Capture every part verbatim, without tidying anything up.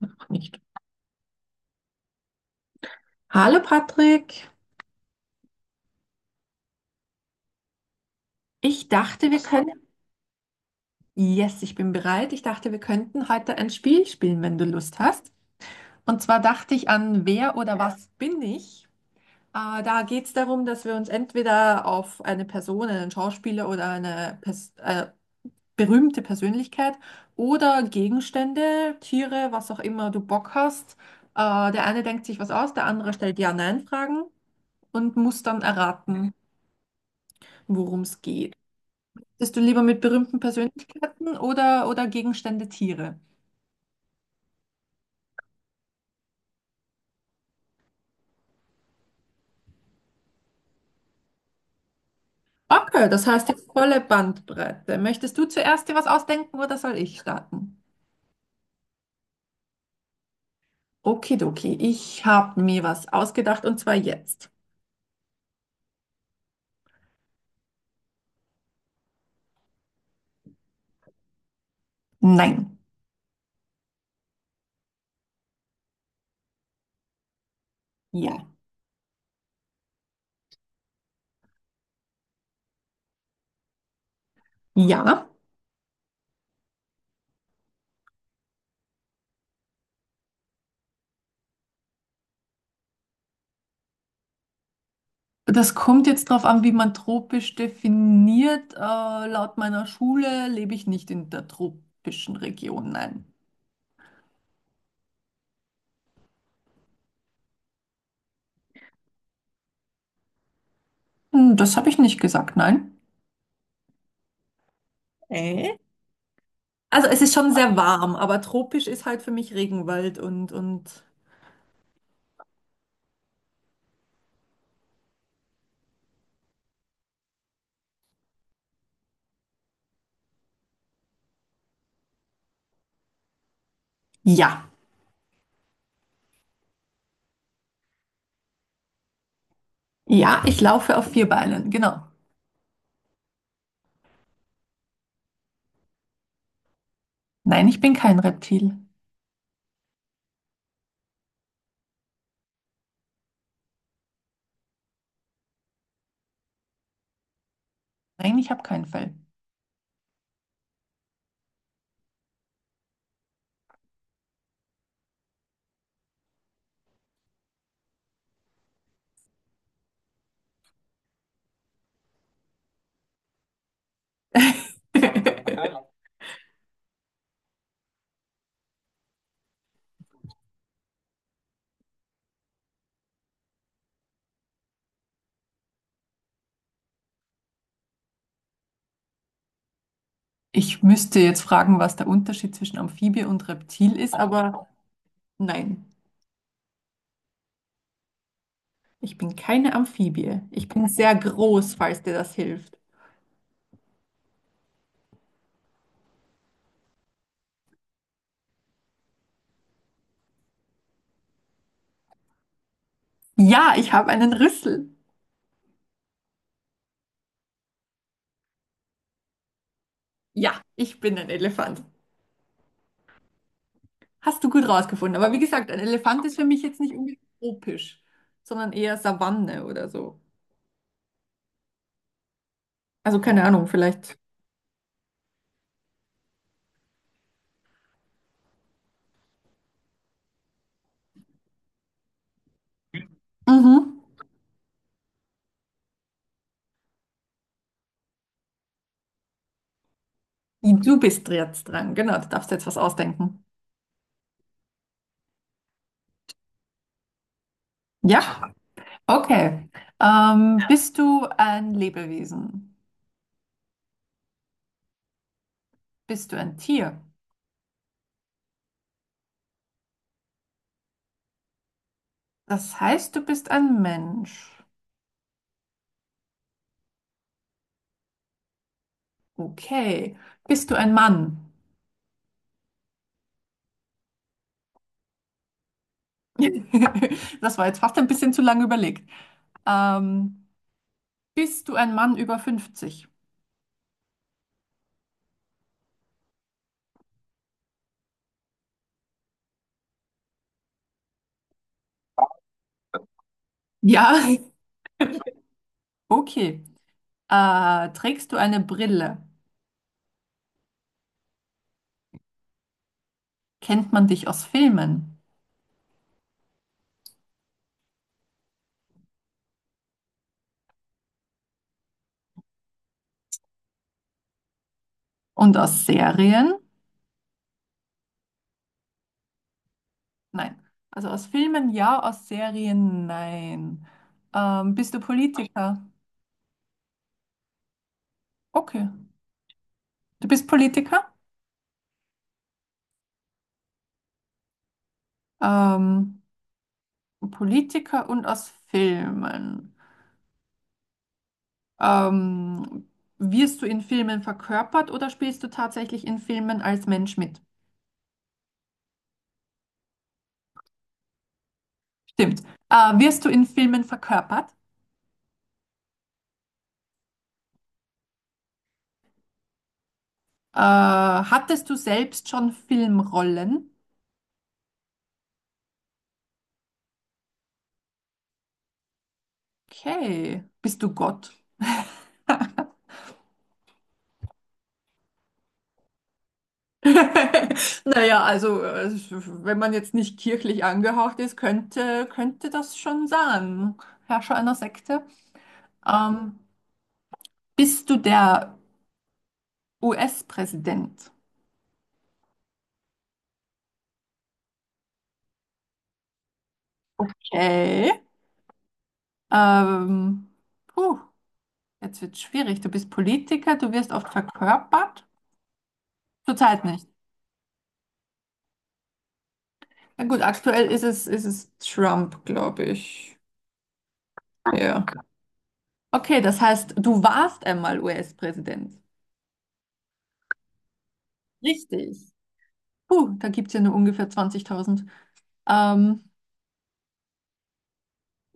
Noch nicht. Hallo Patrick, ich dachte, wir können. Yes, ich bin bereit. Ich dachte, wir könnten heute ein Spiel spielen, wenn du Lust hast. Und zwar dachte ich an Wer oder was bin ich? Äh, da geht es darum, dass wir uns entweder auf eine Person, einen Schauspieler oder eine Pers äh, berühmte Persönlichkeit oder Gegenstände, Tiere, was auch immer du Bock hast. Äh, der eine denkt sich was aus, der andere stellt Ja-Nein-Fragen und muss dann erraten, worum es geht. Bist du lieber mit berühmten Persönlichkeiten oder, oder Gegenstände, Tiere? Okay, das heißt jetzt volle Bandbreite. Möchtest du zuerst dir was ausdenken oder soll ich starten? Okidoki, ich habe mir was ausgedacht und zwar jetzt. Nein. Ja. Ja. Das kommt jetzt drauf an, wie man tropisch definiert. Äh, laut meiner Schule lebe ich nicht in der tropischen Region, nein. Hm, das habe ich nicht gesagt, nein. Äh? Also es ist schon sehr warm, aber tropisch ist halt für mich Regenwald und, und ja, ja, ich laufe auf vier Beinen, genau. Nein, ich bin kein Reptil. Nein, ich habe kein Fell. Ich müsste jetzt fragen, was der Unterschied zwischen Amphibie und Reptil ist, aber nein, ich bin keine Amphibie. Ich bin sehr groß, falls dir das hilft. Ja, ich habe einen Rüssel. Ja, ich bin ein Elefant. Hast du gut rausgefunden. Aber wie gesagt, ein Elefant ist für mich jetzt nicht unbedingt tropisch, sondern eher Savanne oder so. Also keine Ahnung, vielleicht. Mhm. Du bist jetzt dran. Genau, du darfst jetzt was ausdenken. Ja, okay. Ähm, bist du ein Lebewesen? Bist du ein Tier? Das heißt, du bist ein Mensch. Okay. Bist du ein Mann? Das war jetzt fast ein bisschen zu lange überlegt. Ähm, bist du ein Mann über fünfzig? Ja. Okay. Ah, trägst du eine Brille? Kennt man dich aus Filmen? Und aus Serien? Nein. Also aus Filmen ja, aus Serien nein. Ähm, bist du Politiker? Okay. Du bist Politiker? Ähm, Politiker und aus Filmen. Ähm, wirst du in Filmen verkörpert oder spielst du tatsächlich in Filmen als Mensch mit? Stimmt. Äh, wirst du in Filmen verkörpert? Äh, hattest du selbst schon Filmrollen? Okay, bist du Gott? Naja, also äh, wenn man jetzt nicht kirchlich angehaucht ist, könnte, könnte das schon sein, Herrscher einer Sekte. Ähm, bist du der U S-Präsident? Okay. Ähm, puh, jetzt wird schwierig. Du bist Politiker, du wirst oft verkörpert. Zurzeit nicht. Na gut, aktuell ist es, ist es Trump, glaube ich. Ja. Okay, das heißt, du warst einmal U S-Präsident. Richtig. Puh, da gibt es ja nur ungefähr zwanzigtausend. Ähm,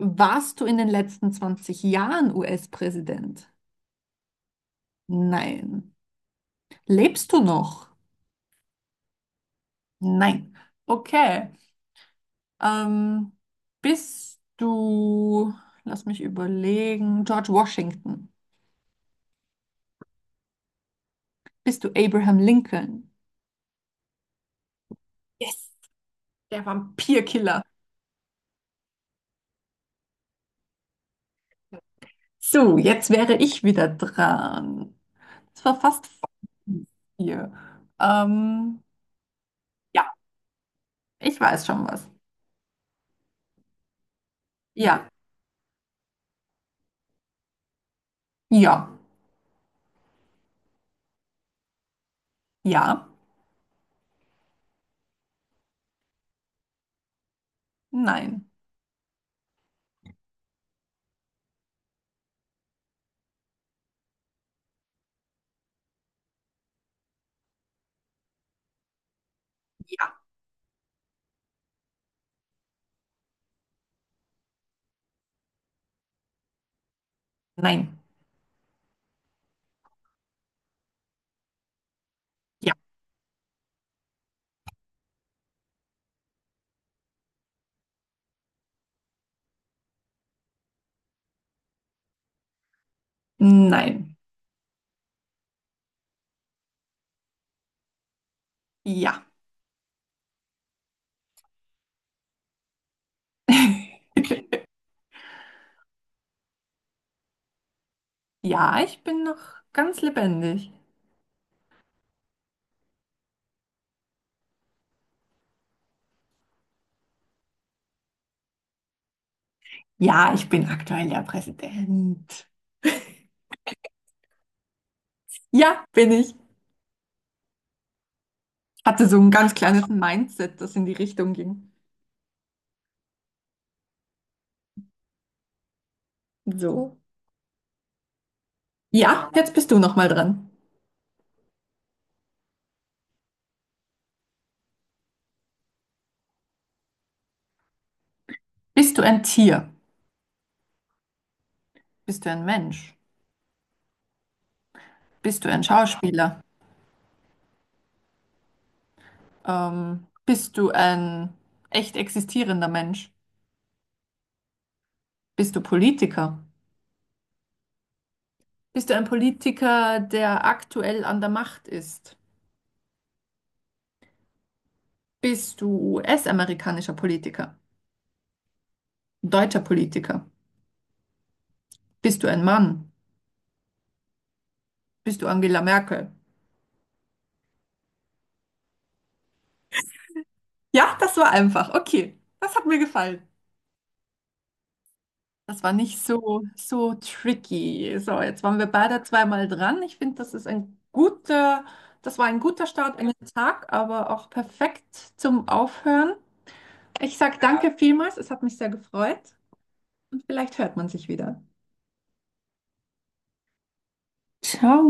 warst du in den letzten zwanzig Jahren U S-Präsident? Nein. Lebst du noch? Nein. Okay. Ähm, bist du, lass mich überlegen, George Washington? Bist du Abraham Lincoln? Yes, der Vampirkiller. So, jetzt wäre ich wieder dran. Es war fast hier. Ähm, ja, ich weiß schon was. Ja, ja. Ja, nein, Ja, nein, ja, nein, ja. Ja, ich bin noch ganz lebendig. Ja, ich bin aktuell der Präsident. Ja, bin ich. Hatte so ein ganz kleines Mindset, das in die Richtung ging. So. Ja, jetzt bist du noch mal dran. Bist du ein Tier? Bist du ein Mensch? Bist du ein Schauspieler? Ähm, bist du ein echt existierender Mensch? Bist du Politiker? Bist du ein Politiker, der aktuell an der Macht ist? Bist du U S-amerikanischer Politiker? Deutscher Politiker? Bist du ein Mann? Bist du Angela Merkel? Ja, das war einfach. Okay, das hat mir gefallen. Das war nicht so, so tricky. So, jetzt waren wir beide zweimal dran. Ich finde, das ist ein guter, das war ein guter Start in den Tag, aber auch perfekt zum Aufhören. Ich sage danke vielmals. Es hat mich sehr gefreut und vielleicht hört man sich wieder. Ciao.